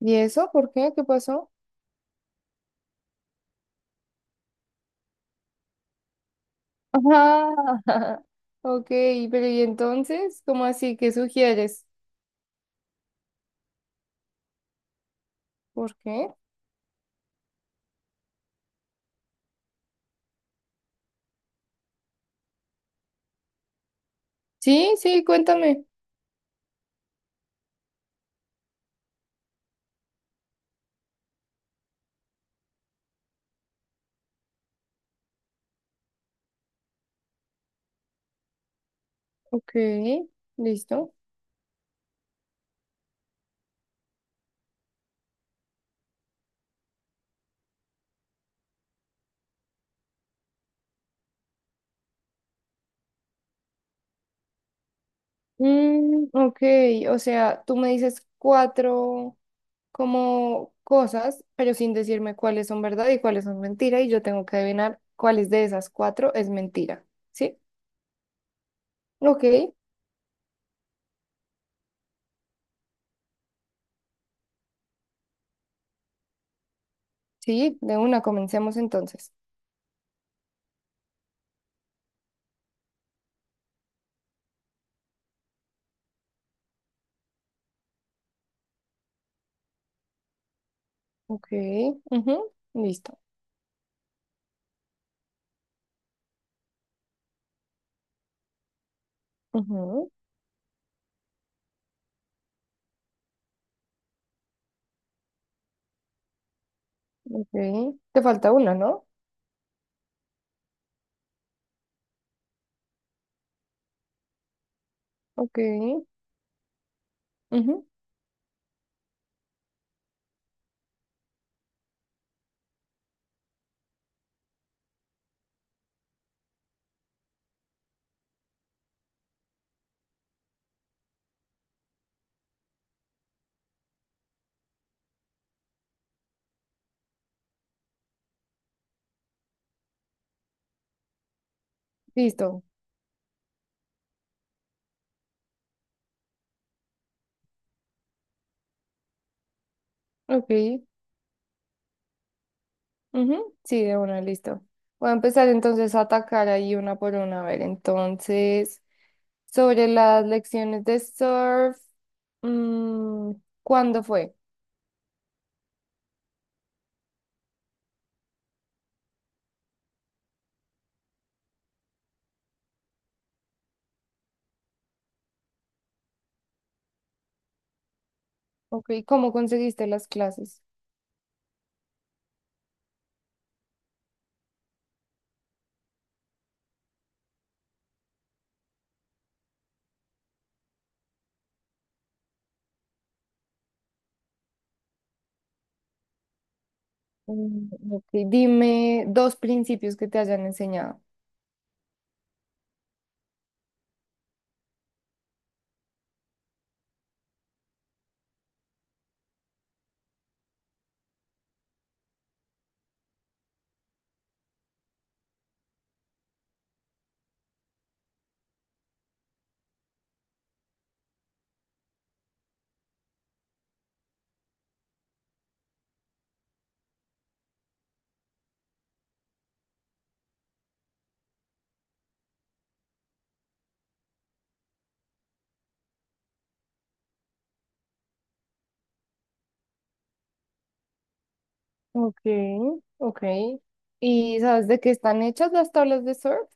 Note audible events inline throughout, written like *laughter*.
¿Y eso? ¿Por qué? ¿Qué pasó? Ah, *laughs* ok, pero ¿y entonces? ¿Cómo así? ¿Qué sugieres? ¿Por qué? Sí, sí, cuéntame. Ok, listo. Mm, ok, o sea, tú me dices cuatro como cosas, pero sin decirme cuáles son verdad y cuáles son mentira, y yo tengo que adivinar cuáles de esas cuatro es mentira. ¿Sí? Ok, sí, de una, comencemos entonces. Ok, ujú, listo. Ok. Te falta una, ¿no? Ok. Ujú, listo. Ok. Ujú, sí, de una, listo. Voy a empezar entonces a atacar ahí una por una. A ver, entonces, sobre las lecciones de surf, mm, ¿cuándo fue? Ok, ¿cómo conseguiste las clases? Mm, ok, dime dos principios que te hayan enseñado. Ok, ok. ¿Y sabes de qué están hechas las tablas de surf?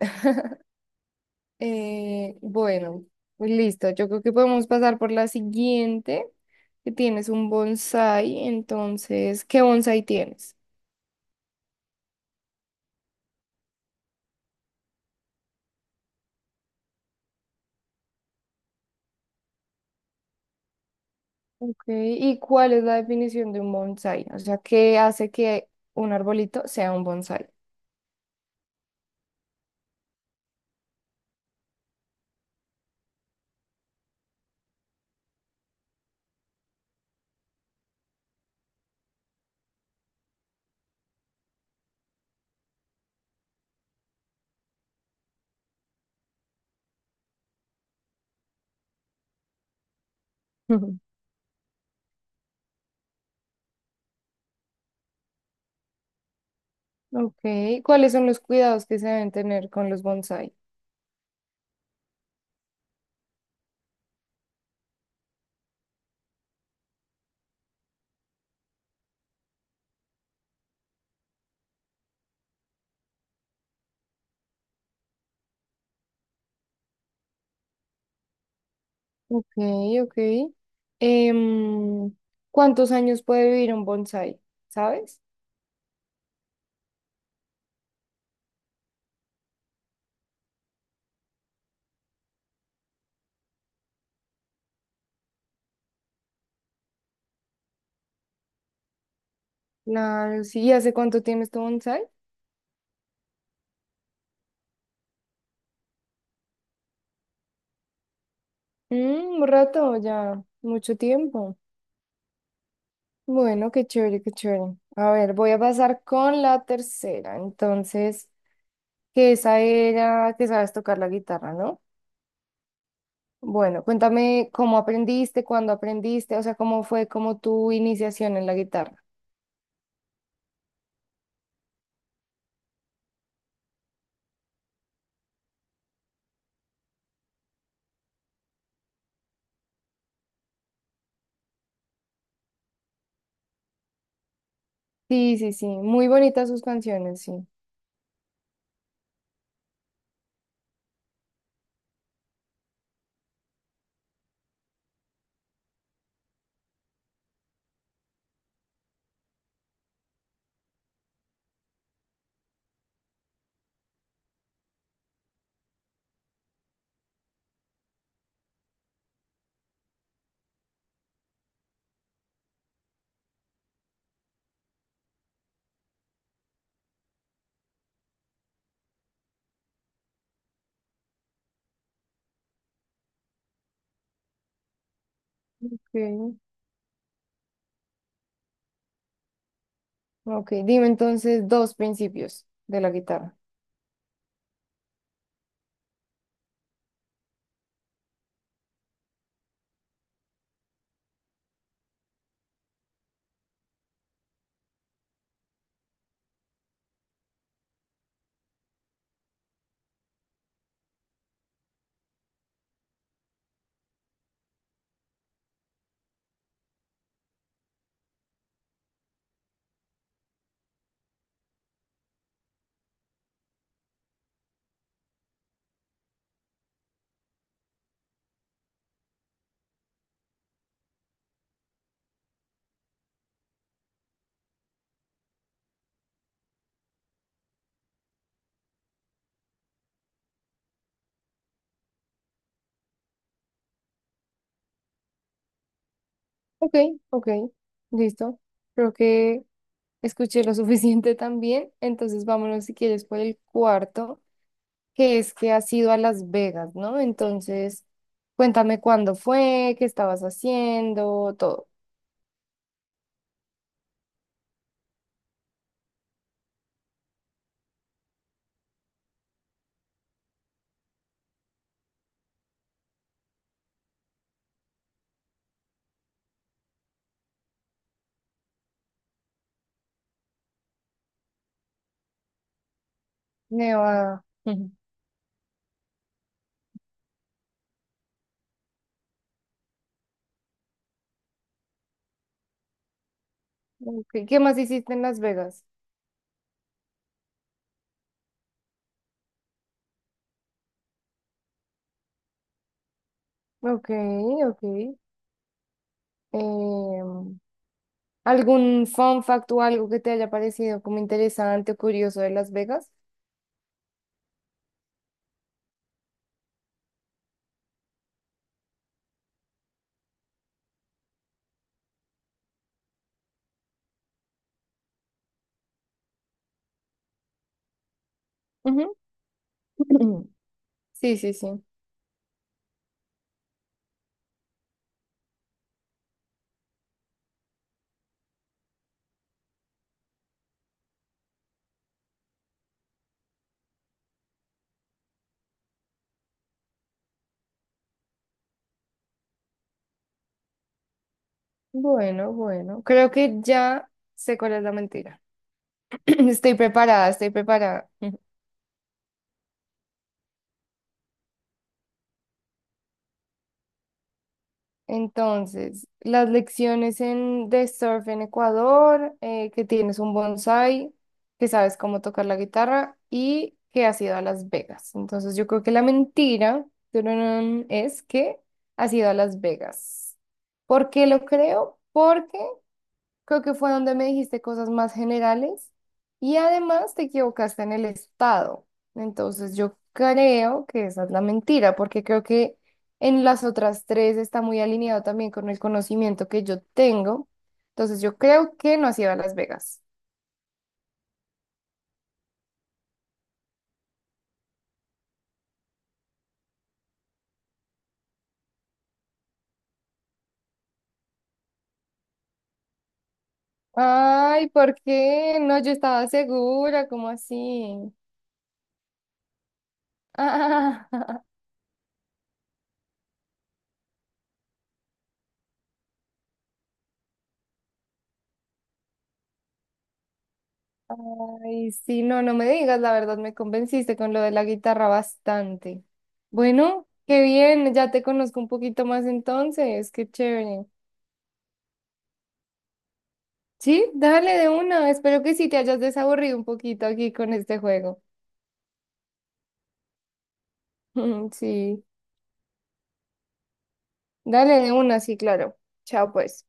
*laughs* Bueno, pues listo. Yo creo que podemos pasar por la siguiente, que tienes un bonsai. Entonces, ¿qué bonsai tienes? Ok, ¿y cuál es la definición de un bonsai? O sea, ¿qué hace que un arbolito sea un bonsai? *laughs* Ujú. Ok, ¿cuáles son los cuidados que se deben tener con los bonsai? Ok, ok. Em, ¿Cuántos años puede vivir un bonsai? ¿Sabes? La, sí, ¿y ¿hace cuánto tienes tu bonsai? Mm, un rato ya, mucho tiempo. Bueno, qué chévere, qué chévere. A ver, voy a pasar con la tercera. Entonces, que esa era que sabes tocar la guitarra, ¿no? Bueno, cuéntame cómo aprendiste, cuándo aprendiste, o sea, cómo fue como tu iniciación en la guitarra. Sí, sí, sí, muy bonitas sus canciones, sí. Ok, ok, dime entonces dos principios de la guitarra. Ok, ok, listo. Creo que escuché lo *laughs* suficiente también, entonces vámonos si quieres por el cuarto, que es que has ido a Las Vegas, ¿no? Entonces, cuéntame cuándo fue, qué estabas haciendo, todo. Nevada. Ujú. Ok, ¿qué más hiciste en Las Vegas? Ok, ok. Em, ¿Algún fun fact o algo que te haya parecido como interesante o curioso de Las Vegas? Ujú. *clears throat* Sí, sí, sí. Bueno, bueno. Creo que ya sé cuál es la mentira. *laughs* Estoy preparada, estoy preparada. Entonces, las lecciones en, de surf en Ecuador, que tienes un bonsai, que sabes cómo tocar la guitarra y que has ido a Las Vegas. Entonces, yo creo que la mentira tururún, es que has ido a Las Vegas. ¿Por qué lo creo? Porque creo que fue donde me dijiste cosas más generales y además te equivocaste en el estado. Entonces yo creo que esa es la mentira, porque creo que en las otras tres está muy alineado también con el conocimiento que yo tengo. Entonces yo creo que no has ido a Las Vegas. Ay, ¿por qué? No, yo estaba segura, ¿cómo así? *laughs* Ay, sí, no, no me digas, la verdad me convenciste con lo de la guitarra bastante. Bueno, qué bien, ya te conozco un poquito más entonces, qué chévere. Sí, dale de una, espero que sí te hayas desaburrido un poquito aquí con este juego. *laughs* Sí, dale de una, sí, claro. Chao, pues.